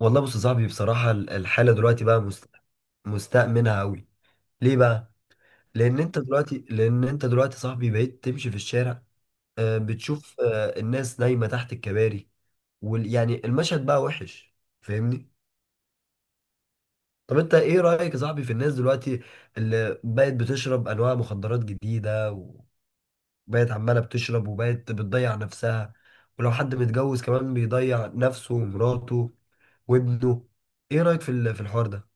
والله بص يا صاحبي، بصراحة الحالة دلوقتي بقى مستأمنها أوي. ليه بقى؟ لأن أنت دلوقتي يا صاحبي بقيت تمشي في الشارع، بتشوف الناس نايمة تحت الكباري، يعني المشهد بقى وحش. فاهمني؟ طب أنت إيه رأيك يا صاحبي في الناس دلوقتي اللي بقت بتشرب أنواع مخدرات جديدة، وبقت عمالة بتشرب وبقت بتضيع نفسها، ولو حد متجوز كمان بيضيع نفسه ومراته وابنه. إيه رأيك في في الحوار ده؟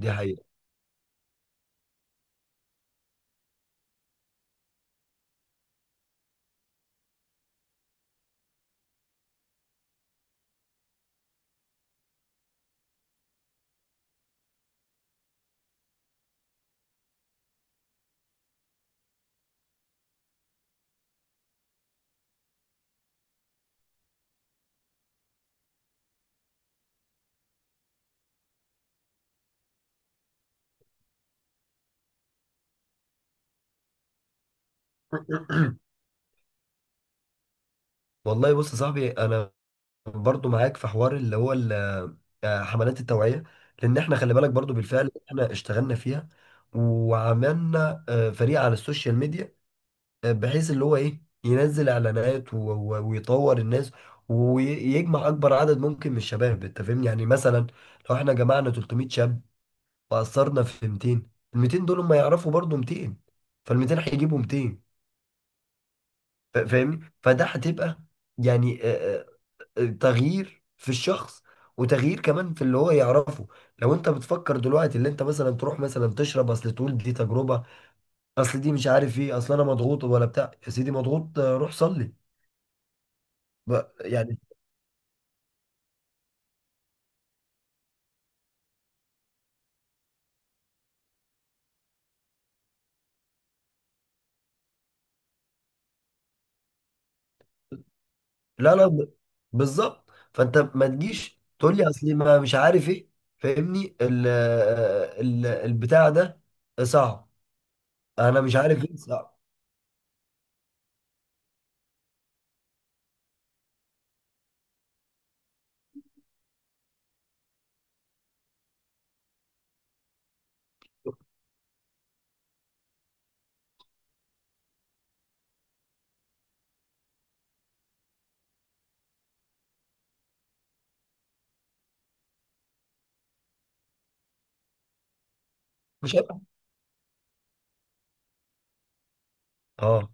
دي حقيقة. والله بص يا صاحبي، انا برضو معاك في حوار اللي هو حملات التوعية، لان احنا خلي بالك برضو بالفعل احنا اشتغلنا فيها، وعملنا فريق على السوشيال ميديا، بحيث اللي هو ايه ينزل اعلانات ويطور الناس، ويجمع اكبر عدد ممكن من الشباب. انت فاهمني؟ يعني مثلا لو احنا جمعنا 300 شاب واثرنا في 200، ال 200 دول هم يعرفوا برضو 200، فال 200 هيجيبوا 200. فاهمني؟ فده هتبقى يعني تغيير في الشخص، وتغيير كمان في اللي هو يعرفه. لو انت بتفكر دلوقتي اللي انت مثلا تروح مثلا تشرب، اصل تقول دي تجربة، اصل دي مش عارف ايه، اصل انا مضغوط ولا بتاع. يا سيدي مضغوط، روح صلي. يعني. لا، لا، بالظبط. فانت ما تجيش تقول لي اصل ما مش عارف ايه. فاهمني ال ال البتاع ده صعب، انا مش عارف ايه صعب. مش هيبقى. اه،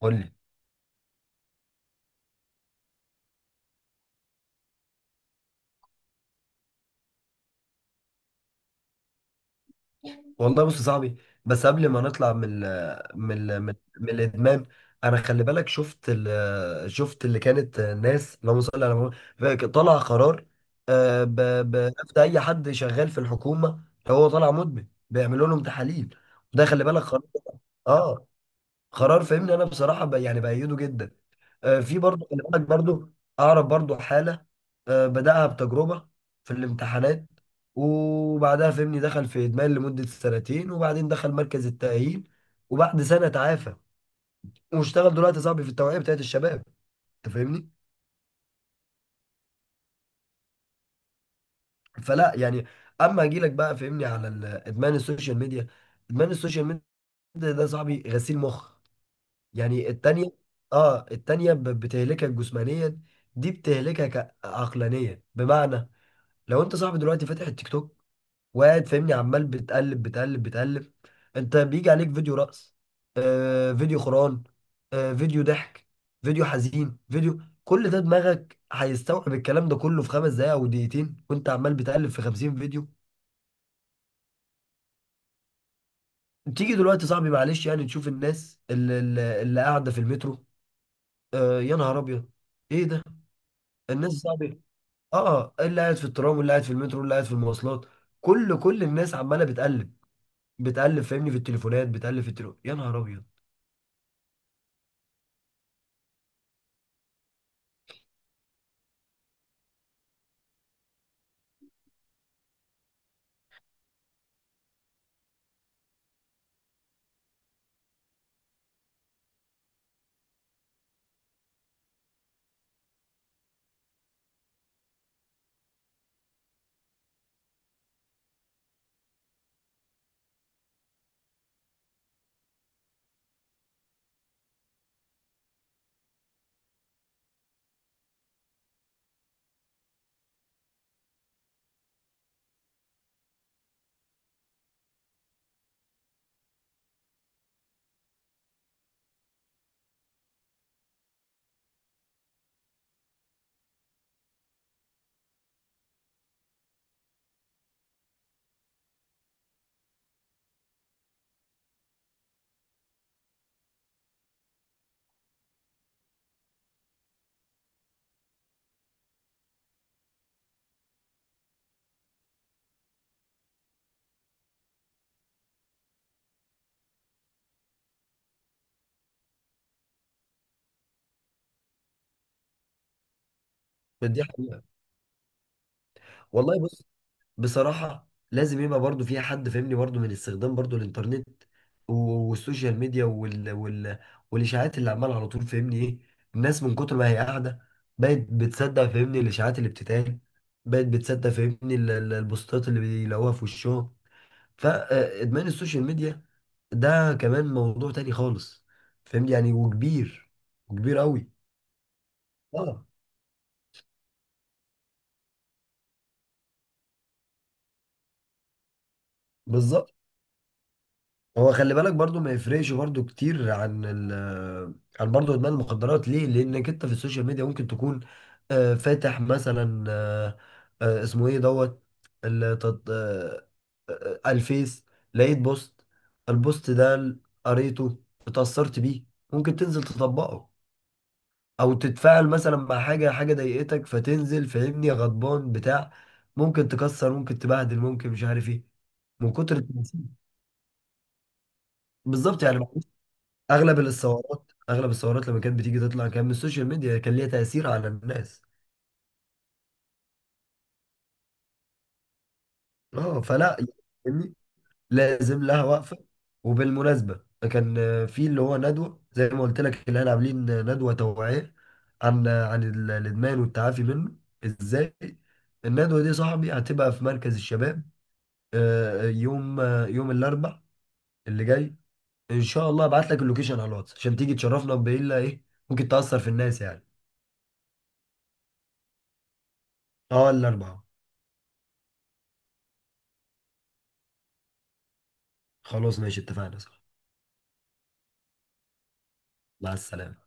قول لي. والله بص يا صاحبي، بس قبل ما نطلع من من الادمان، انا خلي بالك شفت شفت اللي كانت ناس. اللهم صل على محمد. طلع قرار، بنفذ اي حد شغال في الحكومه، لو هو طالع مدمن بيعملوا لهم تحاليل. وده خلي بالك قرار. اه، قرار، فاهمني؟ انا بصراحه يعني بأيده جدا. في برضه خلي بالك برضه اعرف برضه حاله، بداها بتجربه في الامتحانات، وبعدها فهمني دخل في ادمان لمده سنتين، وبعدين دخل مركز التاهيل، وبعد سنه تعافى، واشتغل دلوقتي صاحبي في التوعيه بتاعت الشباب. انت فاهمني؟ فلا يعني، اما اجي لك بقى فهمني على ادمان السوشيال ميديا. ادمان السوشيال ميديا ده صاحبي غسيل مخ، يعني التانية. اه، التانية بتهلكك جسمانيا، دي بتهلكك عقلانيا. بمعنى لو انت صاحبي دلوقتي فاتح التيك توك، وقاعد فاهمني عمال بتقلب بتقلب بتقلب، انت بيجي عليك فيديو رقص، فيديو خران، فيديو ضحك، فيديو حزين، فيديو، كل ده دماغك هيستوعب الكلام ده كله في 5 دقايق او دقيقتين، وانت عمال بتقلب في 50 فيديو. تيجي دلوقتي صاحبي معلش، يعني تشوف الناس اللي قاعدة في المترو، يا نهار ابيض، ايه ده؟ الناس صاحبي، اه، اللي قاعد في الترام واللي قاعد في المترو واللي قاعد في المواصلات، كل الناس عمالة بتقلب، بتقلب، فاهمني؟ في التليفونات، بتقلب في التليفون، يا نهار ابيض. دي حقيقة. والله بص، بصراحة لازم يبقى برضو فيها حد فاهمني برضو من استخدام برضو الانترنت و- والسوشيال ميديا والاشاعات اللي عمالة على طول، فاهمني ايه، الناس من كتر ما هي قاعدة بقت بتصدق فاهمني الاشاعات اللي بتتقال، بقت بتصدق فاهمني البوستات اللي بيلاقوها في وشهم. فادمان السوشيال ميديا ده كمان موضوع تاني خالص، فاهمني؟ يعني، وكبير، وكبير قوي. اه، بالظبط. هو خلي بالك برضو ما يفرقش برضو كتير عن عن برضو ادمان المخدرات، ليه؟ لانك انت في السوشيال ميديا ممكن تكون فاتح مثلا، اسمه ايه دوت، ال- تط- آه، الفيس، لقيت بوست. البوست ده قريته، اتأثرت بيه، ممكن تنزل تطبقه، او تتفاعل مثلا مع حاجة، حاجة ضايقتك فتنزل فاهمني غضبان بتاع، ممكن تكسر، ممكن تبهدل، ممكن مش عارف ايه، من كتر التأثير. بالظبط يعني، اغلب الثورات لما كانت بتيجي تطلع كان من السوشيال ميديا، كان ليها تأثير على الناس. اه، فلا يعني، لازم لها وقفة. وبالمناسبة، كان في اللي هو ندوة، زي ما قلت لك اللي احنا عاملين ندوة توعية عن الادمان والتعافي منه ازاي. الندوة دي صاحبي هتبقى في مركز الشباب، يوم يوم الاربع اللي جاي ان شاء الله. ابعت لك اللوكيشن على الواتس عشان تيجي تشرفنا، بايه؟ ايه ممكن تأثر في الناس يعني. اه، الاربعة. خلاص ماشي، اتفقنا، صح. مع السلامة.